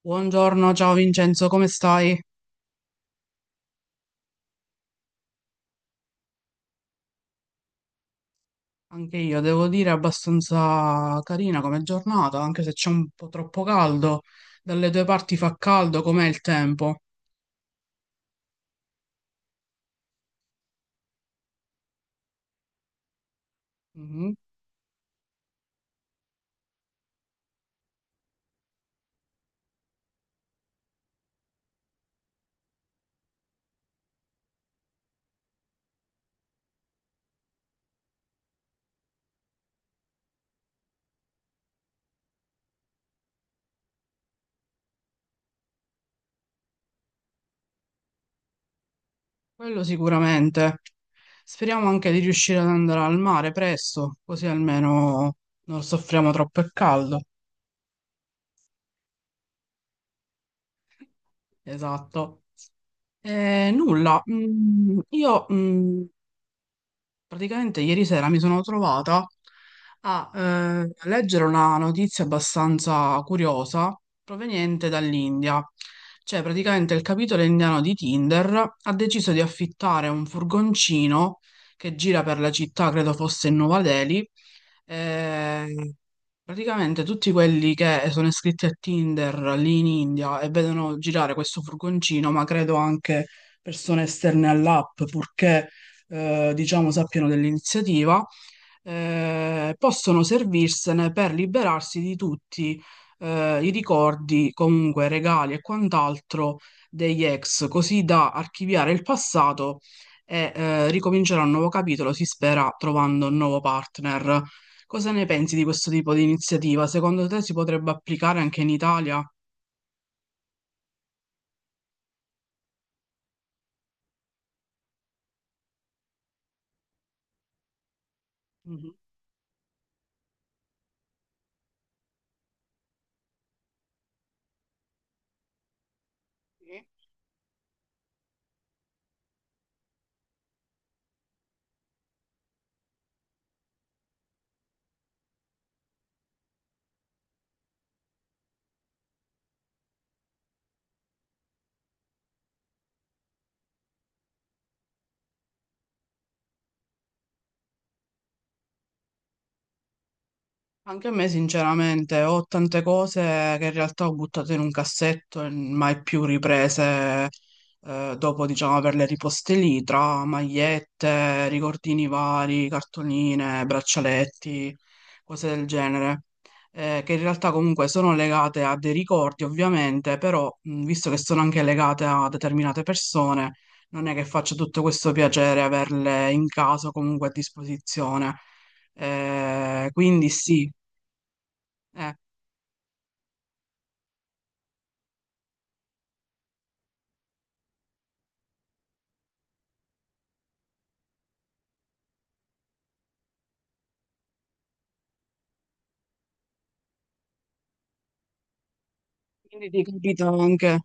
Buongiorno, ciao Vincenzo, come stai? Anche io devo dire abbastanza carina come giornata, anche se c'è un po' troppo caldo. Dalle due parti fa caldo, com'è il tempo? Mhm. Quello sicuramente. Speriamo anche di riuscire ad andare al mare presto, così almeno non soffriamo troppo il caldo. Esatto. Nulla, mm, io mm, Praticamente ieri sera mi sono trovata a leggere una notizia abbastanza curiosa proveniente dall'India. Cioè, praticamente il capitolo indiano di Tinder ha deciso di affittare un furgoncino che gira per la città, credo fosse in Nuova Delhi, e praticamente tutti quelli che sono iscritti a Tinder lì in India e vedono girare questo furgoncino, ma credo anche persone esterne all'app, purché diciamo sappiano dell'iniziativa, possono servirsene per liberarsi di tutti i ricordi, comunque regali e quant'altro degli ex, così da archiviare il passato e ricominciare un nuovo capitolo, si spera, trovando un nuovo partner. Cosa ne pensi di questo tipo di iniziativa? Secondo te si potrebbe applicare anche in Italia? Mhm. Anche a me, sinceramente, ho tante cose che in realtà ho buttato in un cassetto e mai più riprese, dopo, diciamo, averle riposte lì, tra magliette, ricordini vari, cartoline, braccialetti, cose del genere, che in realtà comunque sono legate a dei ricordi, ovviamente, però, visto che sono anche legate a determinate persone, non è che faccia tutto questo piacere averle in casa o comunque a disposizione. Quindi sì. Eh, quindi ti capito anche.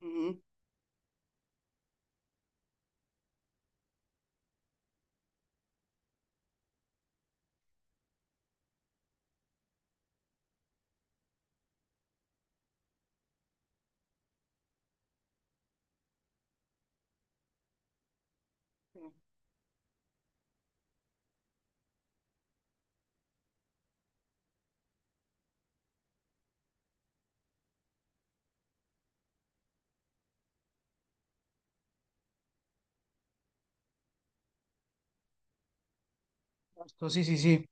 Mhm. Certo, sì, sì, sì.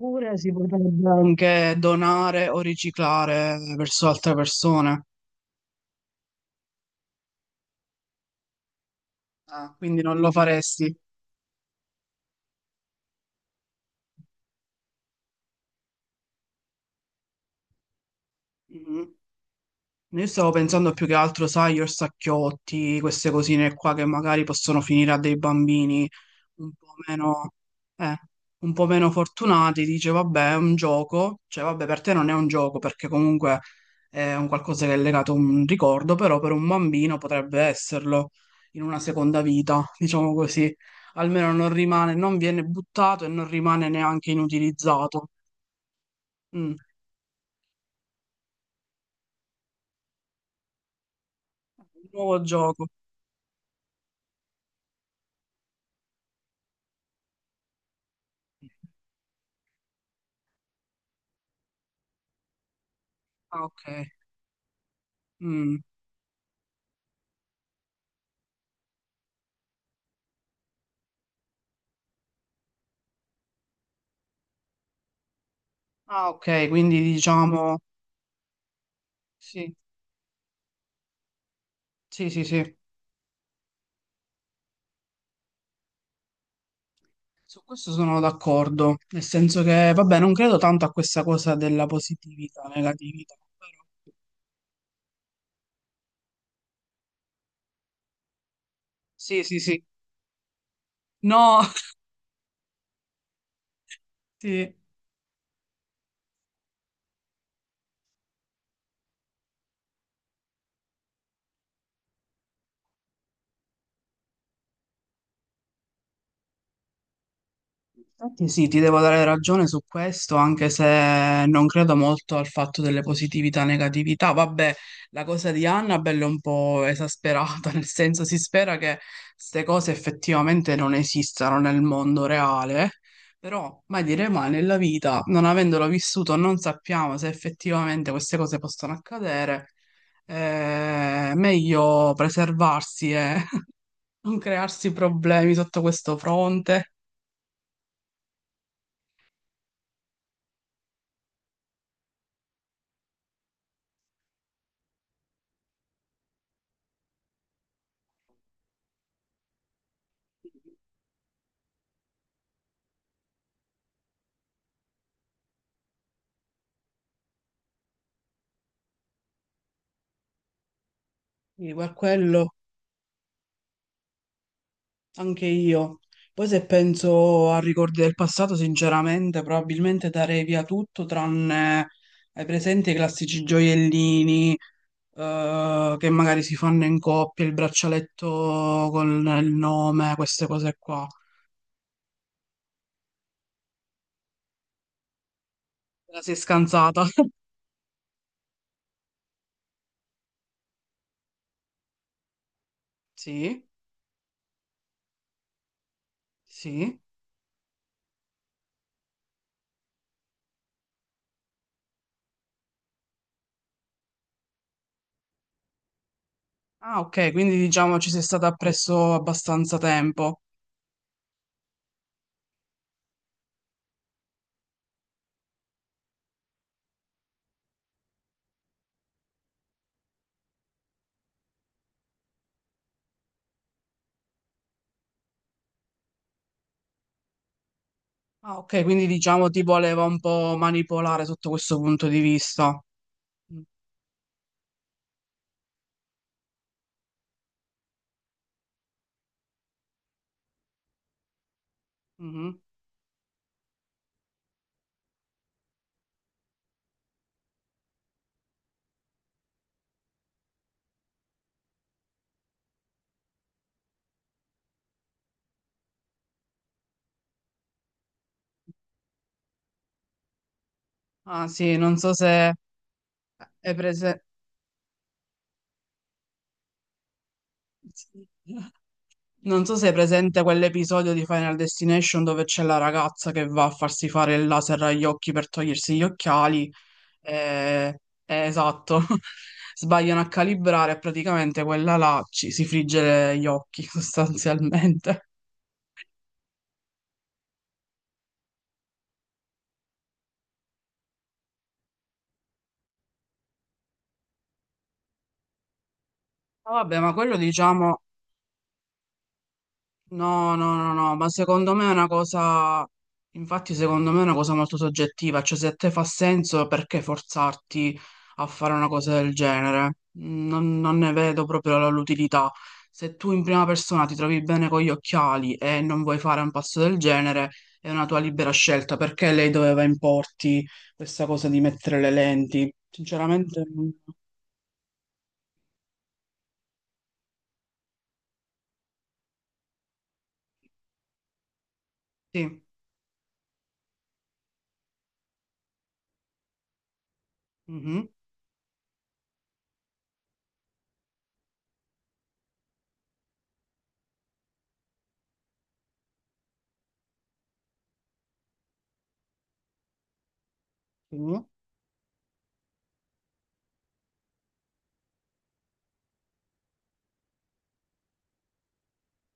Oppure si potrebbe anche donare o riciclare verso altre persone. Ah, quindi non lo faresti. Mhm. Io stavo pensando più che altro, sai, io sacchiotti, queste cosine qua che magari possono finire a dei bambini un po' meno, eh, un po' meno fortunati, dice vabbè è un gioco, cioè vabbè per te non è un gioco perché comunque è un qualcosa che è legato a un ricordo, però per un bambino potrebbe esserlo in una seconda vita, diciamo così, almeno non rimane, non viene buttato e non rimane neanche inutilizzato. Mm. Un nuovo gioco. Ah, ok. Mm. Ah, ok, quindi diciamo sì, sì, sì, sì, su questo sono d'accordo, nel senso che, vabbè, non credo tanto a questa cosa della positività, negatività, però sì, sì, sì, no, sì. Infatti sì, ti devo dare ragione su questo, anche se non credo molto al fatto delle positività e negatività. Vabbè, la cosa di Annabelle è un po' esasperata, nel senso si spera che queste cose effettivamente non esistano nel mondo reale, però mai dire mai nella vita, non avendolo vissuto, non sappiamo se effettivamente queste cose possono accadere. È meglio preservarsi e non crearsi problemi sotto questo fronte. Quindi per quello. Anche io. Poi se penso a ricordi del passato, sinceramente, probabilmente darei via tutto tranne, hai presente, i classici gioiellini che magari si fanno in coppia, il braccialetto con il nome, queste cose qua. Te la sei scansata? Sì, sì. Ah, ok, quindi diciamo ci sei stata appresso abbastanza tempo. Ah, ok, quindi diciamo ti voleva un po' manipolare sotto questo punto di vista. Mm. Mhm. Ah sì, non so se È prese- non so se è presente quell'episodio di Final Destination dove c'è la ragazza che va a farsi fare il laser agli occhi per togliersi gli occhiali. eh, esatto, sbagliano a calibrare e praticamente quella là ci si frigge gli occhi sostanzialmente. Ma vabbè, ma quello diciamo no, no, no, no, ma secondo me è una cosa, infatti secondo me è una cosa molto soggettiva, cioè se a te fa senso perché forzarti a fare una cosa del genere? Non, non ne vedo proprio l'utilità. Se tu in prima persona ti trovi bene con gli occhiali e non vuoi fare un passo del genere, è una tua libera scelta, perché lei doveva importi questa cosa di mettere le lenti? Sinceramente, mm, sì. Mhm. Sì.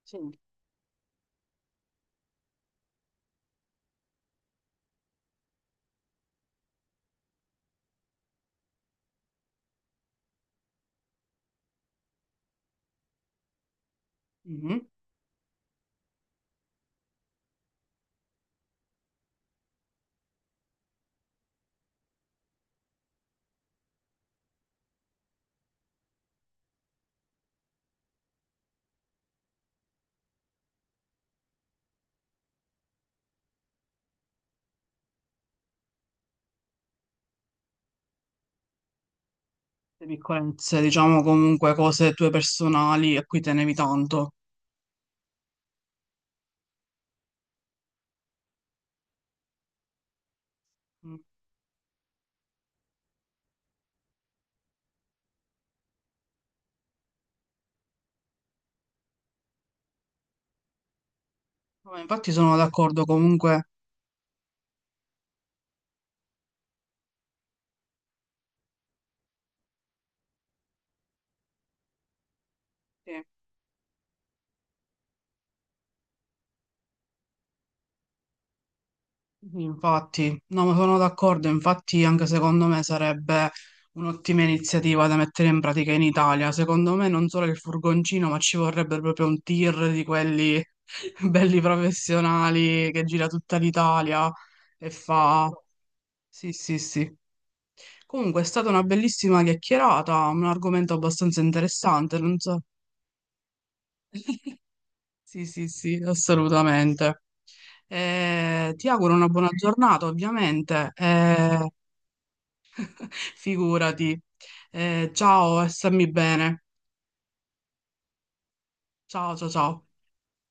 Sì. Mhm. Le piccolezze, diciamo comunque cose tue personali a cui tenevi tanto. Mm. Vabbè, infatti sono d'accordo comunque. Sì. Infatti, no, ma sono d'accordo, infatti anche secondo me sarebbe un'ottima iniziativa da mettere in pratica in Italia. Secondo me non solo il furgoncino, ma ci vorrebbe proprio un tir di quelli belli professionali che gira tutta l'Italia e fa... Sì, sì, sì. Comunque è stata una bellissima chiacchierata, un argomento abbastanza interessante, non so. Sì, sì, sì, assolutamente. Ti auguro una buona giornata, ovviamente. Figurati. Ciao e stammi bene. Ciao, ciao, ciao.